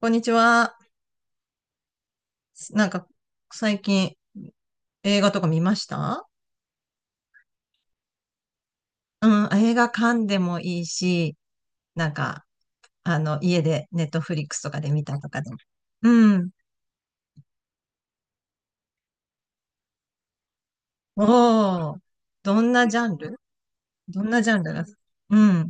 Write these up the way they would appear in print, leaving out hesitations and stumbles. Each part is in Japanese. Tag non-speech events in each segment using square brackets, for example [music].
こんにちは。なんか、最近映画とか見ました？うん、映画館でもいいし、なんか、家でネットフリックスとかで見たとかでも。うん。おー、どんなジャンルどんなジャンルが？うん。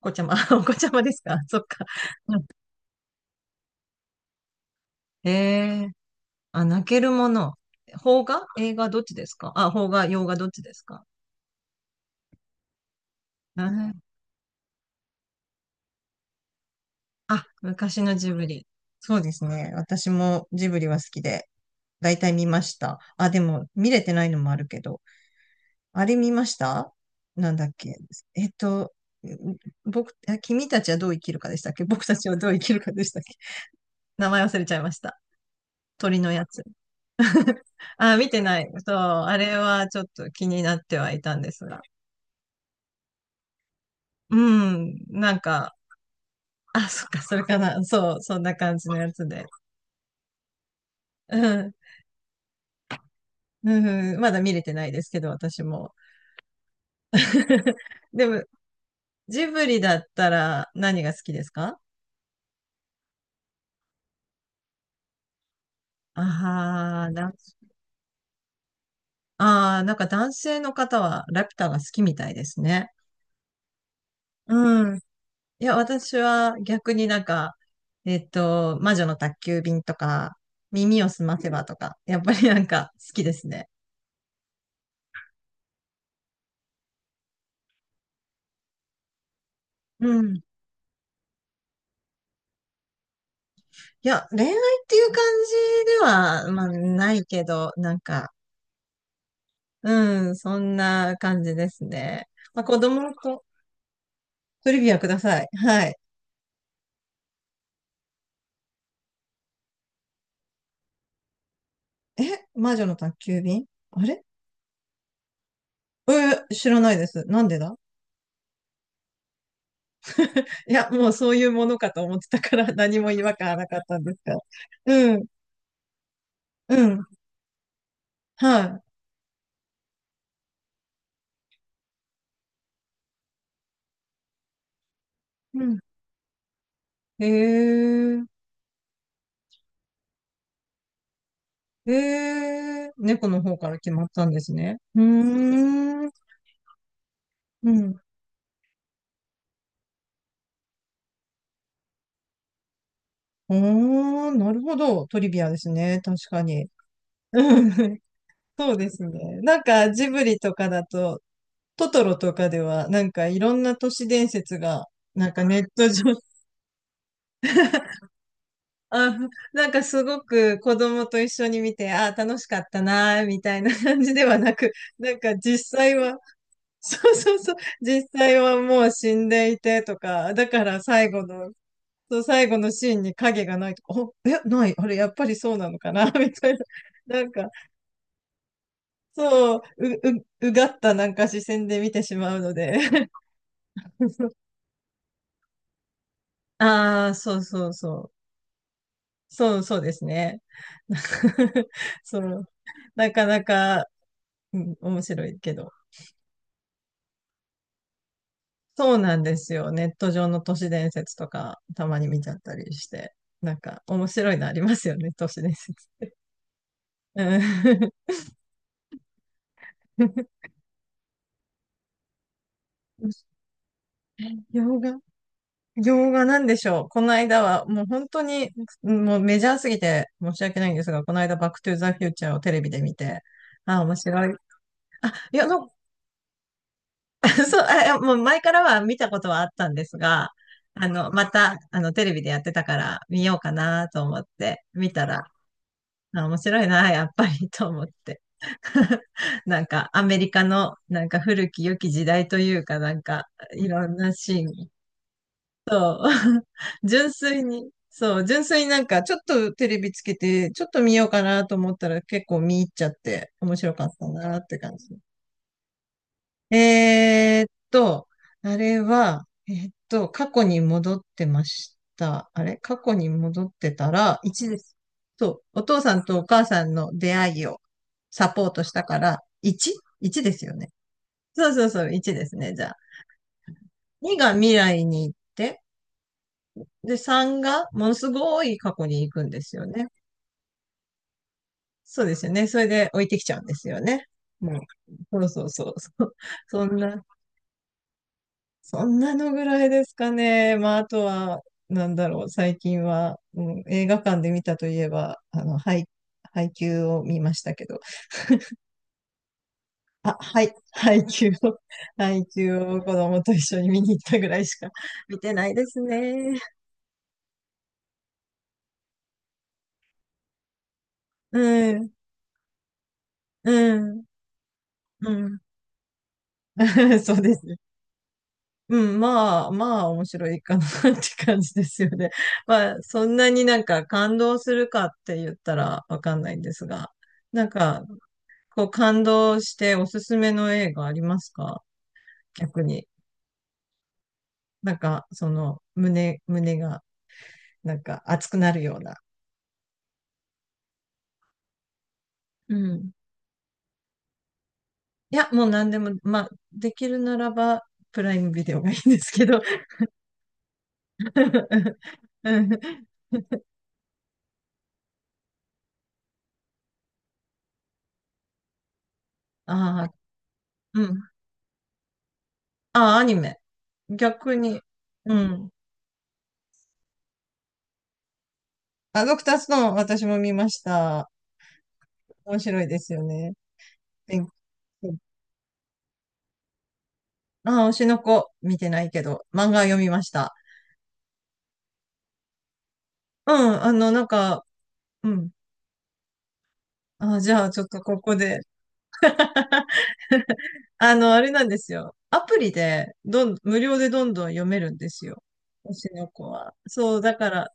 お子ちゃま、[laughs] お子ちゃまですか？そっか。へえー、あ、泣けるもの。邦画映画どっちですかあ、邦画、洋画どっちですか？うん。あ、昔のジブリ。そうですね。私もジブリは好きで。大体見ました。あ、でも、見れてないのもあるけど。あれ見ました？なんだっけ？えっと、んあ、君たちはどう生きるかでしたっけ？僕たちはどう生きるかでしたっけ？ [laughs] 名前忘れちゃいました。鳥のやつ。あ、見てない。そう、あれはちょっと気になってはいたんですが。うん、なんか、あ、そっか、それかな。そう、そんな感じのやつで。うん、うん、まだ見れてないですけど、私も。[laughs] でも、ジブリだったら何が好きですか？ああ、男ああー、なんか男性の方はラピュタが好きみたいですね。うん。いや、私は逆になんか、魔女の宅急便とか、耳をすませばとか、やっぱりなんか好きですね。うん。いや、恋愛っていう感じでは、まあ、ないけど、なんか、うん、そんな感じですね。まあ、子供と。トリビアください。はい。え、魔女の宅急便？あれ？え知らないです。なんでだ？いや、もうそういうものかと思ってたから、 [laughs] 何も違和感はなかったんですが。うん、うん、はい。うん。へえ、へえ、猫の方から決まったんですね。うーん、うん。おー、なるほど。トリビアですね。確かに。うん、そうですね。なんかジブリとかだと、トトロとかでは、なんかいろんな都市伝説が、なんかネット上。あ、なんかすごく子供と一緒に見て、ああ、楽しかったなー、みたいな感じではなく、なんか実際は、[laughs] そうそうそう、実際はもう死んでいてとか、だから最後の、そう最後のシーンに影がないとか、お、え、ない、あれ、やっぱりそうなのかな、[laughs] みたいな。なんか、そう、うがったなんか視線で見てしまうので。[laughs] ああ、そうそうそう。そうそうですね。[laughs] そう。なかなか、うん、面白いけど。そうなんですよ。ネット上の都市伝説とか、たまに見ちゃったりして。なんか、面白いのありますよね、都市伝説。うん。[laughs] 洋画？洋画なんでしょう。この間は、もう本当に、もうメジャーすぎて申し訳ないんですが、この間、バックトゥーザフューチャーをテレビで見て、ああ、面白い。いや、の [laughs] そう、もう前からは見たことはあったんですが、また、テレビでやってたから見ようかなと思って見たら、あ、面白いな、やっぱりと思って。[laughs] なんかアメリカのなんか古き良き時代というか、なんかいろんなシーン。純粋に、そう、純粋になんかちょっとテレビつけてちょっと見ようかなと思ったら結構見入っちゃって面白かったなって感じ。えーっと、あれは、過去に戻ってました。あれ、過去に戻ってたら、一です。そう、お父さんとお母さんの出会いをサポートしたから、1?1 ですよね。そうそうそう、1ですね、じゃあ。2が未来に行って、で、3がものすごい過去に行くんですよね。そうですよね。それで置いてきちゃうんですよね。もう、そうそうそう。そう、そんな、そんなのぐらいですかね。まあ、あとは、なんだろう、最近は、うん、映画館で見たといえば、あの、ハイ、ハイを見ましたけど、あ、はい、ハイを、[laughs] ハイを子供と一緒に見に行ったぐらいしか見てないですね。うん、うん、うん。[laughs] そうですね。うん、まあ、まあ、面白いかな [laughs] って感じですよね。まあ、そんなになんか感動するかって言ったらわかんないんですが、なんか、こう感動しておすすめの映画ありますか？逆に。なんか、その、胸が、なんか熱くなるような。うん。いや、もう何でも、まあ、できるならば、プライムビデオがいいんですけど。[laughs] うん。ああ、うん。ああ、アニメ。逆に。うん。あ、ドクターストーン、私も見ました。面白いですよね。勉強ああ、推しの子、見てないけど、漫画読みました。うん、あの、なんか、うん。あ、じゃあ、ちょっとここで。[laughs] あの、あれなんですよ。アプリで、無料でどんどん読めるんですよ。推しの子は。そう、だから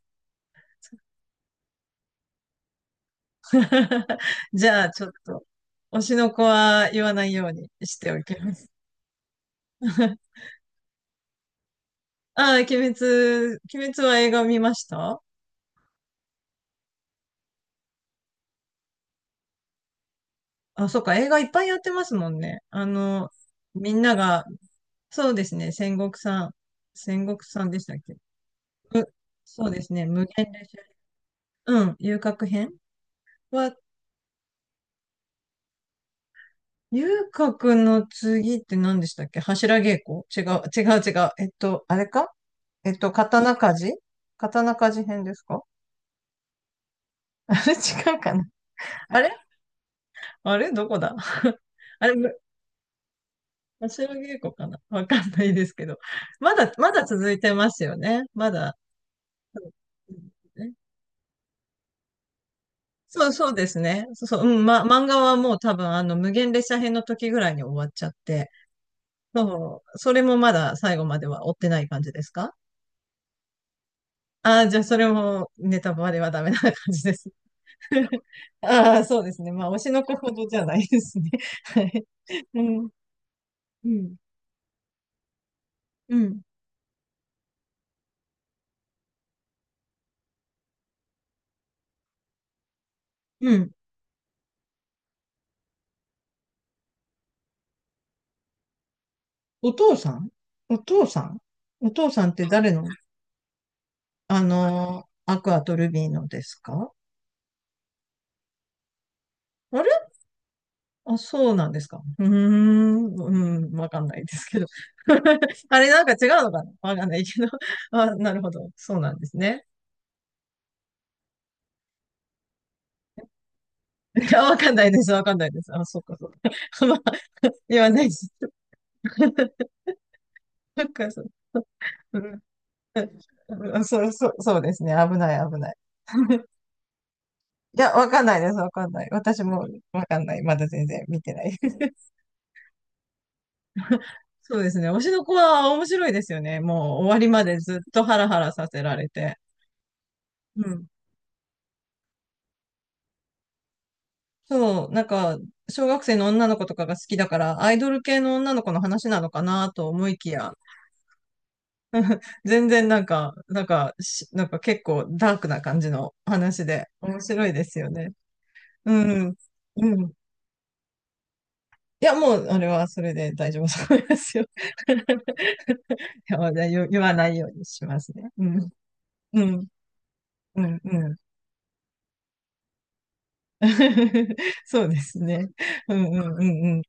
[laughs] じゃあ、ちょっと、推しの子は言わないようにしておきます。[laughs] ああ、鬼滅、鬼滅は映画見ました？あ、そうか、映画いっぱいやってますもんね。あの、みんなが、そうですね、戦国さん、戦国さんでしたっけ？むそうですね、無限列車。うん、遊郭編は、ゆうかくんの次って何でしたっけ？柱稽古？違う、違う、違う。あれか？えっと、刀鍛冶刀鍛冶編ですか？ [laughs] あれ違うかな？あれ、どこだ？ [laughs] あれ、柱稽古かなわかんないですけど。まだ、まだ続いてますよね。まだ。うん。そう、そうですね。そう、そう、うん、ま、漫画はもう多分、あの、無限列車編の時ぐらいに終わっちゃって、そう、それもまだ最後までは追ってない感じですか？ああ、じゃあそれもネタバレはダメな感じです。[laughs] ああ、そうですね。まあ、推しの子ほどじゃないですね。はい。うん、うん、うん、うん。お父さんお父さんお父さんって誰の？あのーアクアとルビーのですか？あれ？あ、そうなんですか。うーん、うん、わかんないですけど。[laughs] あれ、なんか違うのかな、わかんないけど。あ、なるほど。そうなんですね。いや、わかんないです。わかんないです。あ、そうか、そうか。[laughs] まあ、言わないです。[laughs] なんかそう、うん、そう、そう、そうですね。危ない、危ない。[laughs] いや、わかんないです、わかんない。私もわかんない。まだ全然見てない。[laughs] そうですね。推しの子は面白いですよね。もう終わりまでずっとハラハラさせられて。うん。そう、なんか、小学生の女の子とかが好きだから、アイドル系の女の子の話なのかなと思いきや、全然なんか、なんかし、なんか結構ダークな感じの話で、面白いですよね。うん。うん。いや、もう、あれはそれで大丈夫そうですよ。[laughs] いやまあ言わないようにしますね。うん。うん。うん。うん。[laughs] そうですね。うんうんうんうん。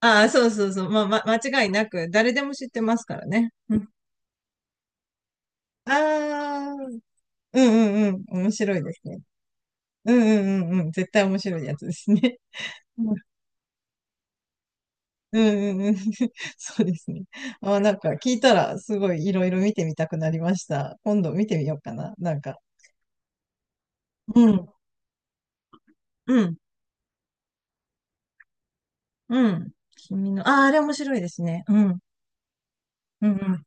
ああ、そうそうそう。まあ、間違いなく、誰でも知ってますからね。うん。ああ、うんうんうん。面白いですね。うんうんうんうん。絶対面白いやつですね。うんうんうんうん。[laughs] そうですね。ああ、なんか聞いたら、すごいいろいろ見てみたくなりました。今度見てみようかな。なんか。うん。うん。うん。ああ、あれ面白いですね。うん。うんうん。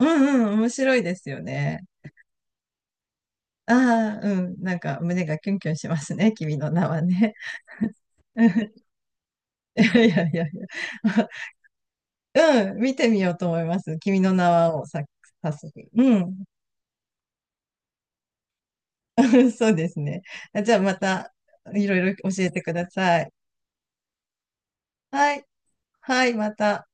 うんうん、面白いですよね。ああ、うん。なんか胸がキュンキュンしますね。君の名はね。[laughs] うん、いやいやいやいや。うん。見てみようと思います。君の名はをさ、早速。うん。[laughs] そうですね。じゃあまた、いろいろ教えてください。はい。はい、また。